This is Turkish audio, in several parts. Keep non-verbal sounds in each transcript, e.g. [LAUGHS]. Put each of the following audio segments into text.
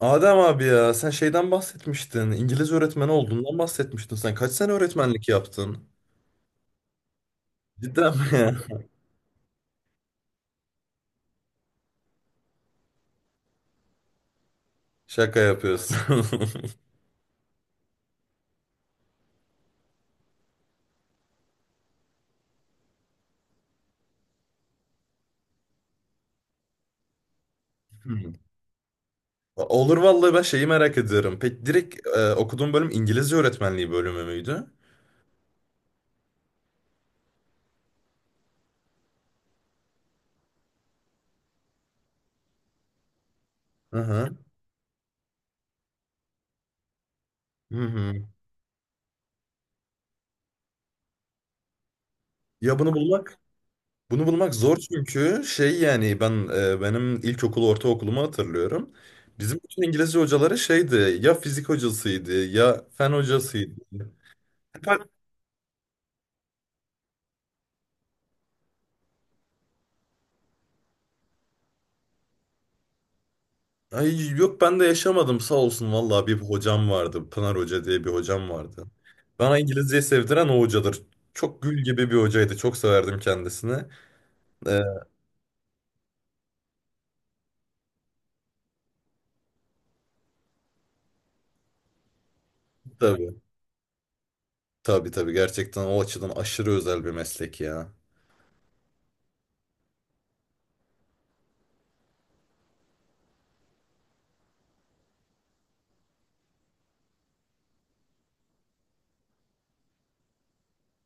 Adem abi ya sen şeyden bahsetmiştin. İngiliz öğretmeni olduğundan bahsetmiştin sen. Kaç sene öğretmenlik yaptın? Cidden mi ya? [LAUGHS] Şaka yapıyorsun. [LAUGHS] Hmm. Olur vallahi ben şeyi merak ediyorum. Peki direkt okuduğun bölüm İngilizce öğretmenliği bölümü müydü? Hı hı. Hı hı. Ya bunu bulmak zor çünkü şey yani benim ilkokulu ortaokulumu hatırlıyorum. Bizim bütün İngilizce hocaları şeydi ya fizik hocasıydı ya fen hocasıydı. Ay yok ben de yaşamadım sağ olsun vallahi bir hocam vardı. Pınar Hoca diye bir hocam vardı. Bana İngilizceyi sevdiren o hocadır. Çok gül gibi bir hocaydı. Çok severdim kendisini. Ee, tabii. Tabii tabii gerçekten o açıdan aşırı özel bir meslek ya.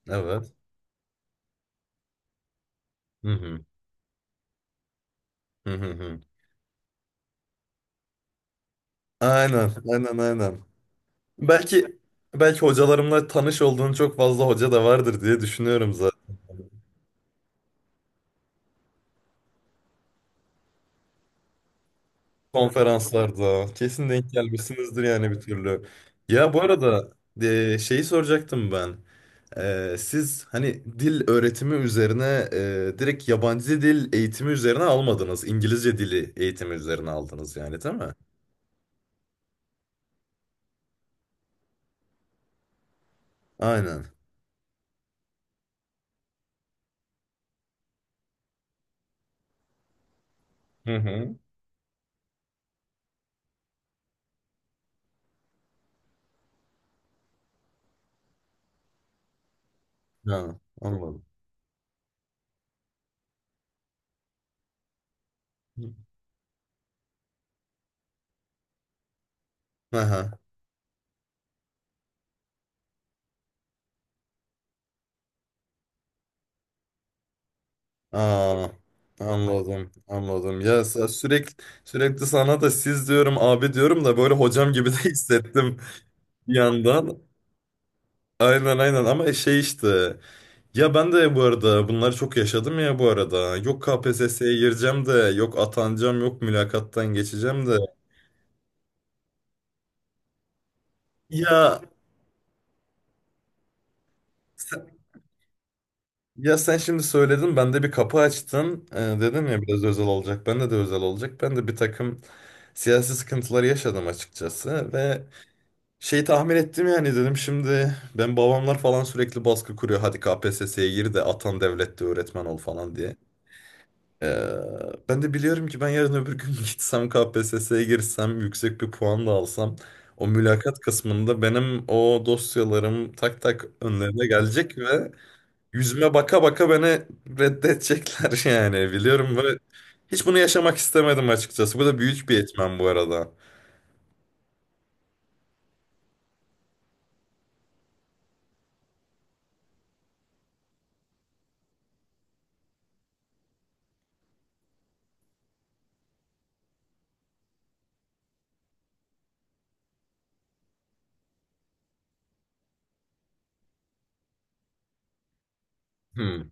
Evet. Hı hı. Hı hı hı. Aynen, aynen, aynen. Belki belki hocalarımla tanış olduğun çok fazla hoca da vardır diye düşünüyorum zaten. Konferanslarda kesin denk gelmişsinizdir yani bir türlü. Ya bu arada şeyi soracaktım ben. Siz hani dil öğretimi üzerine direkt yabancı dil eğitimi üzerine almadınız. İngilizce dili eğitimi üzerine aldınız yani değil mi? Aynen. Hı hı. Ha, anladım. Aha. Aa, anladım. Anladım. Ya sürekli sana da siz diyorum abi diyorum da böyle hocam gibi de [LAUGHS] hissettim bir yandan. Aynen aynen ama şey işte ya ben de bu arada bunları çok yaşadım ya bu arada yok KPSS'ye gireceğim de yok atanacağım yok mülakattan geçeceğim de ya sen- ya sen şimdi söyledin ben de bir kapı açtın. Dedim ya biraz özel olacak bende de özel olacak ben de bir takım siyasi sıkıntıları yaşadım açıkçası ve şey tahmin ettim yani dedim şimdi ben babamlar falan sürekli baskı kuruyor hadi KPSS'ye gir de atan devlette öğretmen ol falan diye. Ee, ben de biliyorum ki ben yarın öbür gün [LAUGHS] gitsem KPSS'ye girsem yüksek bir puan da alsam o mülakat kısmında benim o dosyalarım tak tak önlerine gelecek ve yüzüme baka baka beni reddedecekler [LAUGHS] yani biliyorum ve hiç bunu yaşamak istemedim açıkçası. Bu da büyük bir etmen bu arada. Hmm.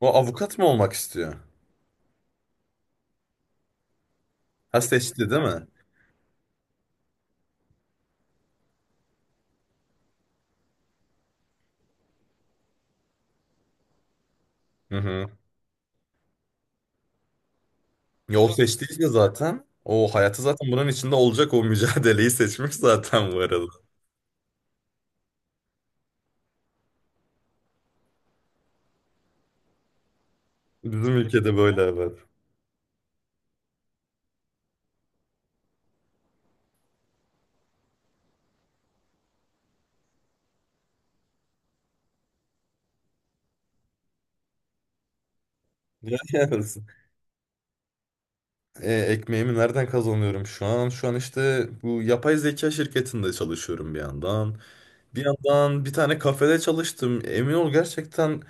O avukat mı olmak istiyor? Ha seçti değil mi? Hı hı. Yol seçtiyse zaten o hayatı zaten bunun içinde olacak o mücadeleyi seçmiş zaten bu arada. Bizim ülkede böyle haber. Yani, [LAUGHS] ekmeğimi nereden kazanıyorum şu an? Şu an işte bu yapay zeka şirketinde çalışıyorum bir yandan. Bir yandan bir tane kafede çalıştım. Emin ol gerçekten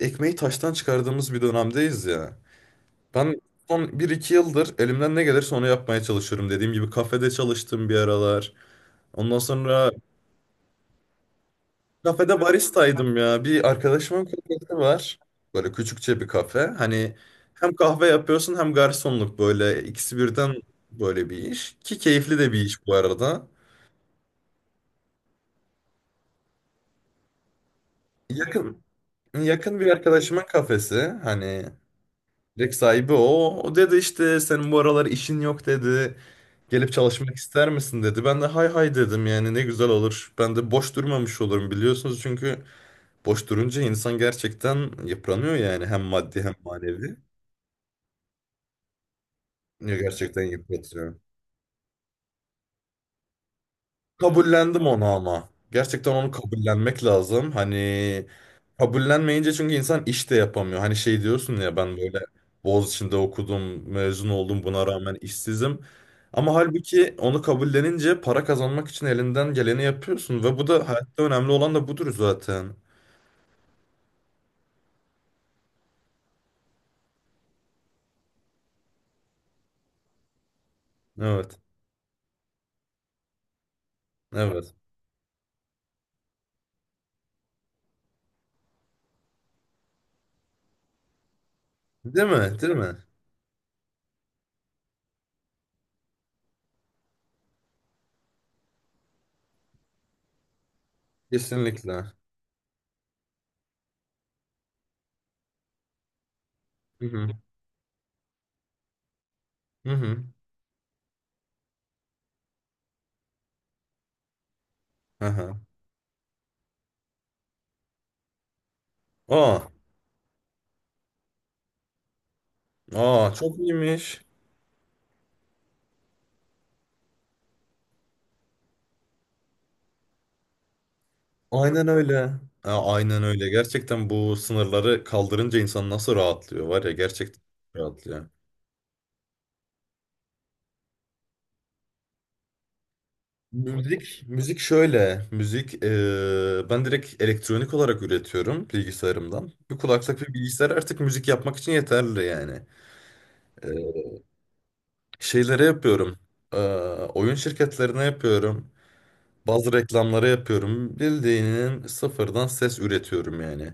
ekmeği taştan çıkardığımız bir dönemdeyiz ya. Ben son bir iki yıldır elimden ne gelirse onu yapmaya çalışıyorum. Dediğim gibi kafede çalıştım bir aralar. Ondan sonra kafede baristaydım ya. Bir arkadaşımın kafesi var. Böyle küçükçe bir kafe. Hani hem kahve yapıyorsun hem garsonluk böyle ikisi birden böyle bir iş. Ki keyifli de bir iş bu arada. Yakın yakın bir arkadaşımın kafesi. Hani direkt sahibi o. O dedi işte senin bu aralar işin yok dedi. Gelip çalışmak ister misin dedi. Ben de hay hay dedim yani ne güzel olur. Ben de boş durmamış olurum biliyorsunuz çünkü boş durunca insan gerçekten yıpranıyor yani hem maddi hem manevi. Ya gerçekten yıpratıyorum. Kabullendim onu ama. Gerçekten onu kabullenmek lazım. Hani kabullenmeyince çünkü insan iş de yapamıyor. Hani şey diyorsun ya ben böyle Boğaziçi'nde okudum, mezun oldum buna rağmen işsizim. Ama halbuki onu kabullenince para kazanmak için elinden geleni yapıyorsun ve bu da hayatta önemli olan da budur zaten. Evet. Evet. Değil mi? Değil mi? Kesinlikle. Hı hı. Hı hı. Aha. Aa. Aa çok iyiymiş. Aynen öyle. Ha, aynen öyle. Gerçekten bu sınırları kaldırınca insan nasıl rahatlıyor var ya gerçekten rahatlıyor. Müzik, müzik şöyle. Müzik ben direkt elektronik olarak üretiyorum bilgisayarımdan. Bir kulaklık bir bilgisayar artık müzik yapmak için yeterli yani. Eee şeylere yapıyorum. Eee, oyun şirketlerine yapıyorum. Bazı reklamlara yapıyorum. Bildiğinin sıfırdan ses üretiyorum yani.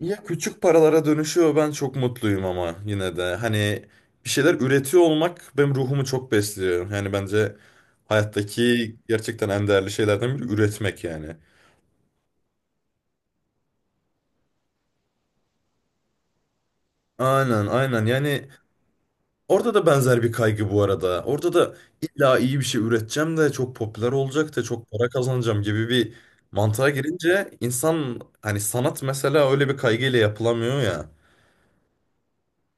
Ya küçük paralara dönüşüyor ben çok mutluyum ama yine de hani bir şeyler üretiyor olmak benim ruhumu çok besliyor. Yani bence hayattaki gerçekten en değerli şeylerden biri üretmek yani. Aynen aynen yani orada da benzer bir kaygı bu arada. Orada da illa iyi bir şey üreteceğim de çok popüler olacak da çok para kazanacağım gibi bir mantığa girince insan hani sanat mesela öyle bir kaygıyla yapılamıyor ya.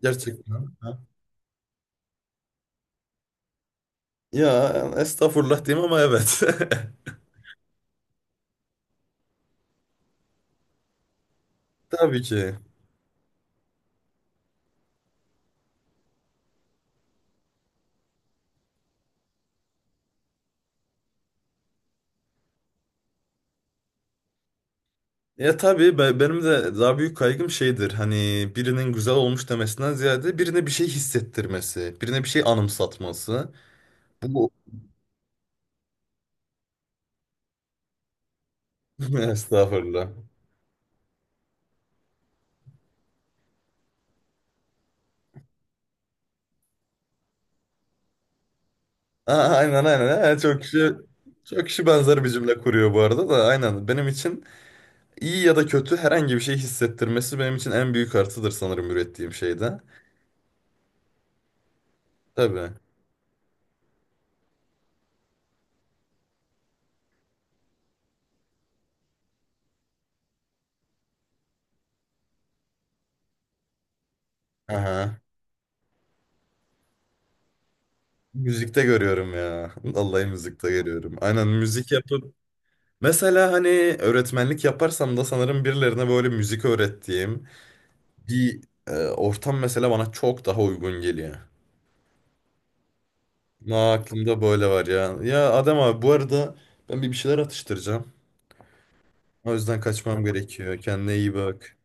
Gerçekten. Ya estağfurullah diyeyim ama evet. [LAUGHS] Tabii ki. Ya tabii benim de daha büyük kaygım şeydir. Hani birinin güzel olmuş demesinden ziyade birine bir şey hissettirmesi, birine bir şey anımsatması. Bu [LAUGHS] estağfurullah. Aa, aynen aynen. Ha, çok kişi benzer bir cümle kuruyor bu arada da aynen. Benim için iyi ya da kötü herhangi bir şey hissettirmesi benim için en büyük artıdır sanırım ürettiğim şeyde. Tabii. Aha. Müzikte görüyorum ya. [LAUGHS] Vallahi müzikte görüyorum. Aynen müzik yapıp mesela hani öğretmenlik yaparsam da sanırım birilerine böyle müzik öğrettiğim bir ortam mesela bana çok daha uygun geliyor. Ama aklımda böyle var ya. Ya Adem abi bu arada ben bir şeyler atıştıracağım. O yüzden kaçmam gerekiyor. Kendine iyi bak.